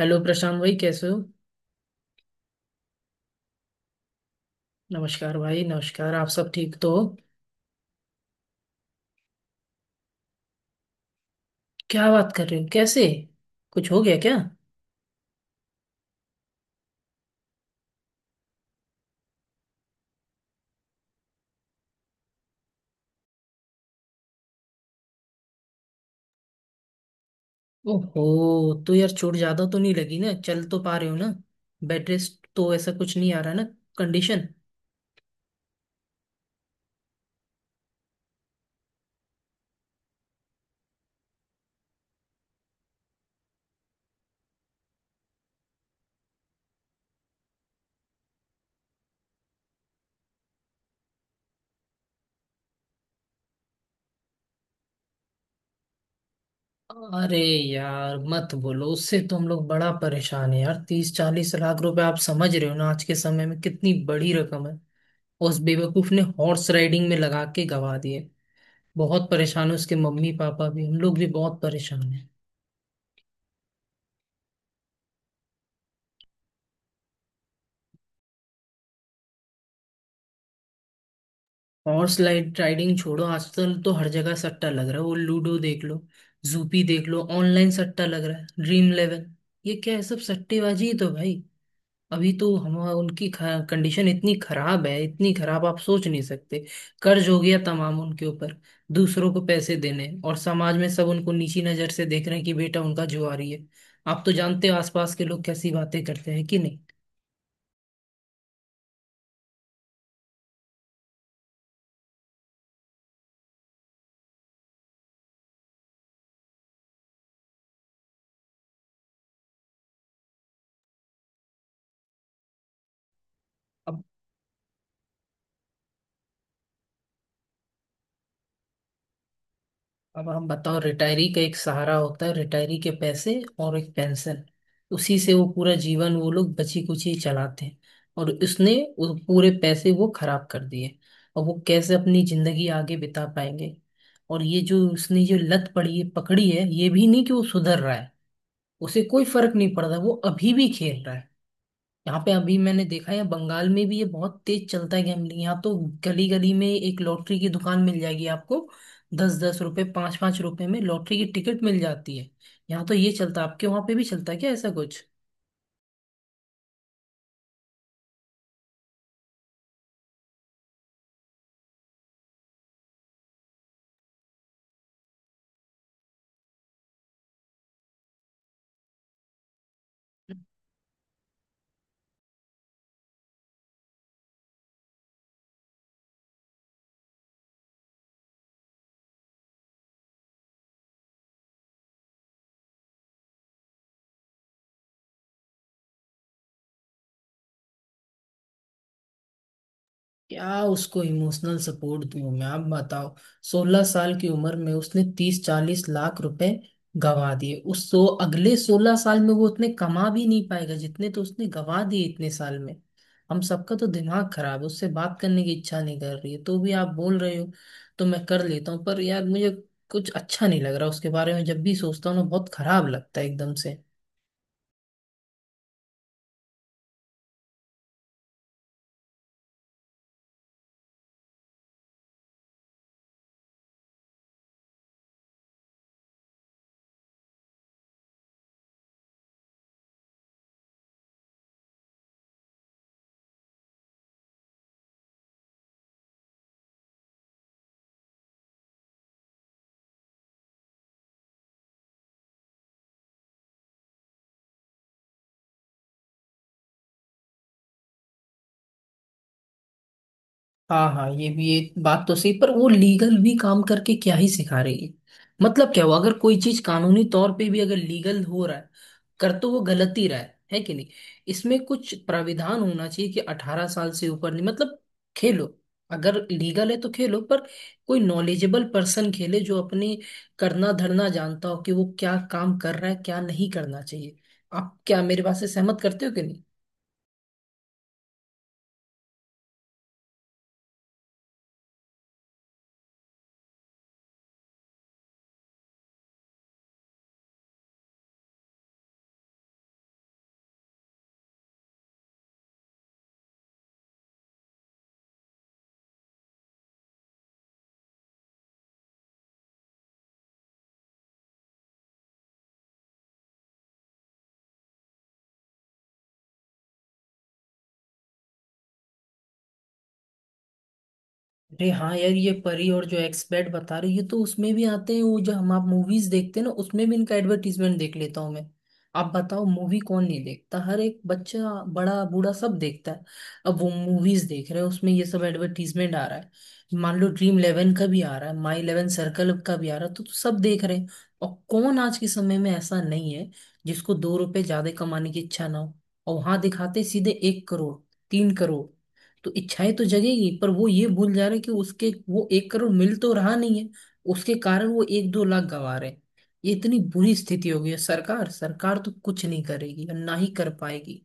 Hello Prashant भाई, कैसे हो? नमस्कार भाई, नमस्कार। आप सब ठीक तो हो? क्या बात कर रहे हो, कैसे कुछ हो गया क्या? ओहो, तो यार चोट ज्यादा तो नहीं लगी ना? चल तो पा रहे हो ना? बेड रेस्ट तो ऐसा कुछ नहीं आ रहा ना, कंडीशन? अरे यार, मत बोलो, उससे तो हम लोग बड़ा परेशान है यार। 30-40 लाख रुपए, आप समझ रहे हो ना आज के समय में कितनी बड़ी रकम है। उस बेवकूफ ने हॉर्स राइडिंग में लगा के गवा दिए। बहुत परेशान है, उसके मम्मी पापा भी, हम लोग भी बहुत परेशान है। हॉर्स लाइड राइडिंग छोड़ो, आजकल तो हर जगह सट्टा लग रहा है। वो लूडो देख लो, जूपी देख लो, ऑनलाइन सट्टा लग रहा है। ड्रीम इलेवन, ये क्या है, सब सट्टेबाजी ही तो भाई। अभी तो हम, उनकी कंडीशन इतनी खराब है, इतनी खराब आप सोच नहीं सकते। कर्ज हो गया तमाम उनके ऊपर, दूसरों को पैसे देने। और समाज में सब उनको नीची नजर से देख रहे हैं कि बेटा उनका जुआरी है। आप तो जानते हो आसपास के लोग कैसी बातें करते हैं, कि नहीं? अब अब हम बताओ, रिटायरी का एक सहारा होता है, रिटायरी के पैसे और एक पेंशन। उसी से वो पूरा जीवन, वो लोग बची कुची चलाते हैं। और उसने वो पूरे पैसे वो खराब कर दिए। और वो कैसे अपनी जिंदगी आगे बिता पाएंगे? और ये जो उसने जो लत पड़ी है, पकड़ी है, ये भी नहीं कि वो सुधर रहा है। उसे कोई फर्क नहीं पड़ रहा, वो अभी भी खेल रहा है। यहाँ पे अभी मैंने देखा है, बंगाल में भी ये बहुत तेज चलता है गैम्बलिंग यहाँ तो। गली गली में एक लॉटरी की दुकान मिल जाएगी आपको। 10-10 रुपए, 5-5 रुपए में लॉटरी की टिकट मिल जाती है। यहाँ तो ये चलता है, आपके वहां पे भी चलता है क्या ऐसा कुछ? क्या उसको इमोशनल सपोर्ट दूं मैं, आप बताओ। 16 साल की उम्र में उसने 30-40 लाख रुपए गंवा दिए। उस तो अगले 16 साल में वो उतने कमा भी नहीं पाएगा जितने तो उसने गंवा दिए इतने साल में। हम सबका तो दिमाग खराब है, उससे बात करने की इच्छा नहीं कर रही है, तो भी आप बोल रहे हो तो मैं कर लेता हूँ। पर यार मुझे कुछ अच्छा नहीं लग रहा, उसके बारे में जब भी सोचता हूँ ना बहुत खराब लगता है एकदम से। हाँ हाँ, ये भी, ये बात तो सही, पर वो लीगल भी काम करके क्या ही सिखा रही है? मतलब क्या हुआ अगर कोई चीज कानूनी तौर पे भी अगर लीगल हो रहा है, कर तो वो गलत ही रहा है कि नहीं? इसमें कुछ प्राविधान होना चाहिए कि 18 साल से ऊपर नहीं, मतलब खेलो। अगर लीगल है तो खेलो, पर कोई नॉलेजेबल पर्सन खेले, जो अपने करना धरना जानता हो कि वो क्या काम कर रहा है, क्या नहीं करना चाहिए। आप क्या मेरे बात से सहमत करते हो कि? अरे हाँ यार, ये परी और जो एक्सपेट बता रहे हो, ये तो उसमें भी आते हैं। वो जो हम आप मूवीज देखते हैं ना, उसमें भी इनका एडवर्टीजमेंट देख लेता हूँ मैं। आप बताओ, मूवी कौन नहीं देखता? हर एक बच्चा, बड़ा, बूढ़ा, सब देखता है। अब वो मूवीज देख रहे हैं, उसमें ये सब एडवर्टीजमेंट आ रहा है, मान लो ड्रीम इलेवन का भी आ रहा है, माई इलेवन सर्कल का भी आ रहा है, तो सब देख रहे हैं। और कौन आज के समय में ऐसा नहीं है जिसको 2 रुपए ज्यादा कमाने की इच्छा ना हो। और वहां दिखाते सीधे 1 करोड़, 3 करोड़। तो इच्छाएं तो जगेगी, पर वो ये भूल जा रहे हैं कि उसके वो 1 करोड़ मिल तो रहा नहीं है, उसके कारण वो 1-2 लाख गंवा रहे हैं। ये इतनी बुरी स्थिति हो गई है, सरकार सरकार तो कुछ नहीं करेगी और ना ही कर पाएगी।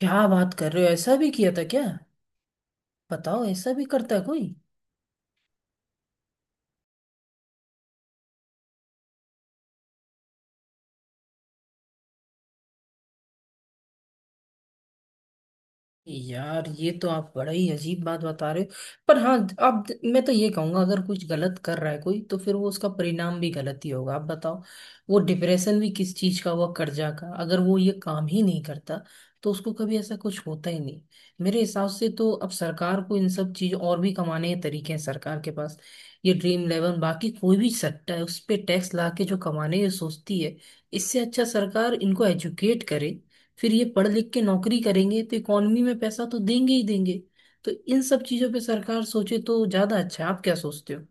क्या बात कर रहे हो, ऐसा भी किया था क्या? बताओ, ऐसा भी करता है कोई? यार ये तो आप बड़ा ही अजीब बात बता रहे हो। पर हाँ, आप, मैं तो ये कहूंगा, अगर कुछ गलत कर रहा है कोई, तो फिर वो उसका परिणाम भी गलत ही होगा। आप बताओ, वो डिप्रेशन भी किस चीज का हुआ? कर्जा का। अगर वो ये काम ही नहीं करता, तो उसको कभी ऐसा कुछ होता ही नहीं। मेरे हिसाब से तो अब सरकार को इन सब चीज, और भी कमाने के तरीके हैं सरकार के पास। ये ड्रीम इलेवन, बाकी कोई भी सेक्टर है, उस पे टैक्स ला के जो कमाने ये सोचती है, इससे अच्छा सरकार इनको एजुकेट करे। फिर ये पढ़ लिख के नौकरी करेंगे तो इकोनॉमी में पैसा तो देंगे ही देंगे। तो इन सब चीजों पे सरकार सोचे तो ज्यादा अच्छा है, आप क्या सोचते हो?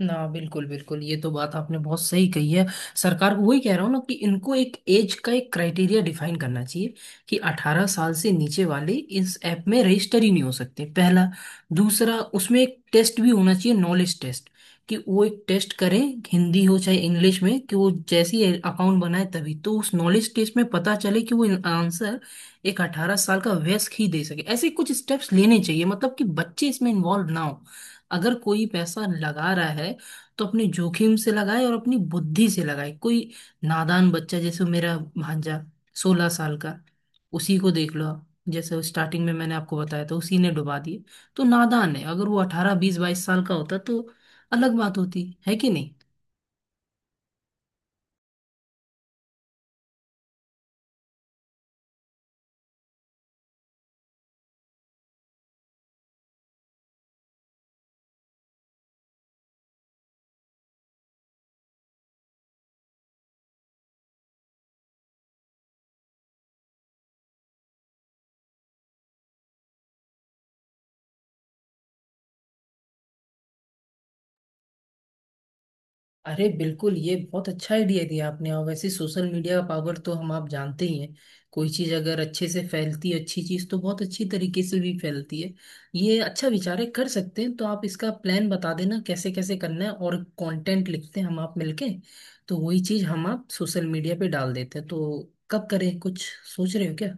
ना, बिल्कुल बिल्कुल, ये तो बात आपने बहुत सही कही है। सरकार को वही कह रहा हूँ ना, कि इनको एक एज का एक क्राइटेरिया डिफाइन करना चाहिए कि 18 साल से नीचे वाले इस ऐप में रजिस्टर ही नहीं हो सकते, पहला। दूसरा, उसमें एक टेस्ट भी होना चाहिए, नॉलेज टेस्ट, कि वो एक टेस्ट करें, हिंदी हो चाहे इंग्लिश में, कि वो जैसी अकाउंट बनाए, तभी तो उस नॉलेज टेस्ट में पता चले कि वो आंसर एक 18 साल का वयस्क ही दे सके। ऐसे कुछ स्टेप्स लेने चाहिए, मतलब कि बच्चे इसमें इन्वॉल्व ना हो। अगर कोई पैसा लगा रहा है तो अपने जोखिम से लगाए और अपनी बुद्धि से लगाए, कोई नादान बच्चा जैसे मेरा भांजा, 16 साल का, उसी को देख लो आप। जैसे स्टार्टिंग में मैंने आपको बताया था, उसी ने डुबा दिए। तो नादान है, अगर वो 18-20-22 साल का होता तो अलग बात होती, है कि नहीं? अरे बिल्कुल, ये बहुत अच्छा आइडिया दिया आपने। और वैसे सोशल मीडिया का पावर तो हम आप जानते ही हैं, कोई चीज़ अगर अच्छे से फैलती है, अच्छी चीज़, तो बहुत अच्छी तरीके से भी फैलती है। ये अच्छा विचार है, कर सकते हैं। तो आप इसका प्लान बता देना कैसे कैसे करना है, और कंटेंट लिखते हैं हम आप मिलके। तो वही चीज़ हम आप सोशल मीडिया पे डाल देते हैं। तो कब करें, कुछ सोच रहे हो क्या?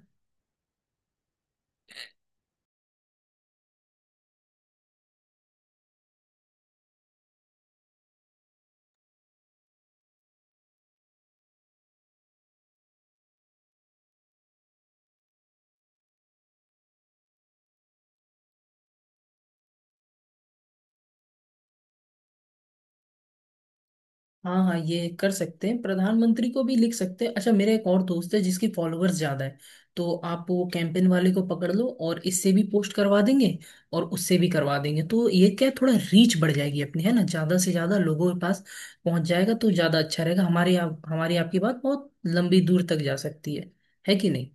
हाँ हाँ, ये कर सकते हैं, प्रधानमंत्री को भी लिख सकते हैं। अच्छा, मेरा एक और दोस्त है जिसकी फॉलोअर्स ज्यादा है, तो आप वो कैंपेन वाले को पकड़ लो और इससे भी पोस्ट करवा देंगे, और उससे भी करवा देंगे। तो ये क्या है, थोड़ा रीच बढ़ जाएगी अपनी, है ना? ज्यादा से ज्यादा लोगों के पास पहुंच जाएगा तो ज्यादा अच्छा रहेगा। हमारी आपकी बात बहुत लंबी दूर तक जा सकती है कि नहीं?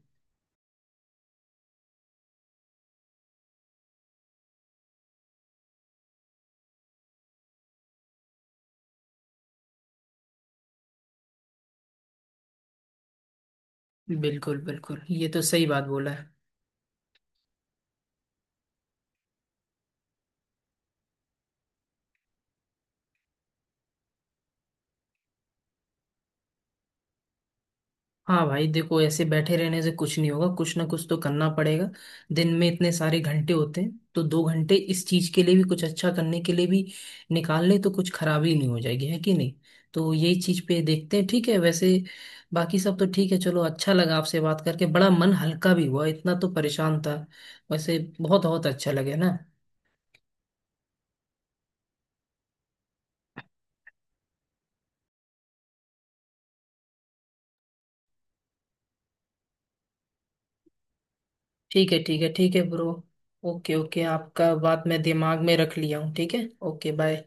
बिल्कुल बिल्कुल, ये तो सही बात बोला है। हाँ भाई, देखो ऐसे बैठे रहने से कुछ नहीं होगा, कुछ ना कुछ तो करना पड़ेगा। दिन में इतने सारे घंटे होते हैं, तो 2 घंटे इस चीज के लिए भी, कुछ अच्छा करने के लिए भी निकाल ले तो कुछ खराबी नहीं हो जाएगी, है कि नहीं? तो यही चीज पे देखते हैं, ठीक है। वैसे बाकी सब तो ठीक है, चलो अच्छा लगा आपसे बात करके। बड़ा मन हल्का भी हुआ, इतना तो परेशान था वैसे। बहुत बहुत अच्छा लगे ना। ठीक है, ठीक है, ठीक है ब्रो। ओके ओके, आपका बात मैं दिमाग में रख लिया हूँ, ठीक है। Okay, bye.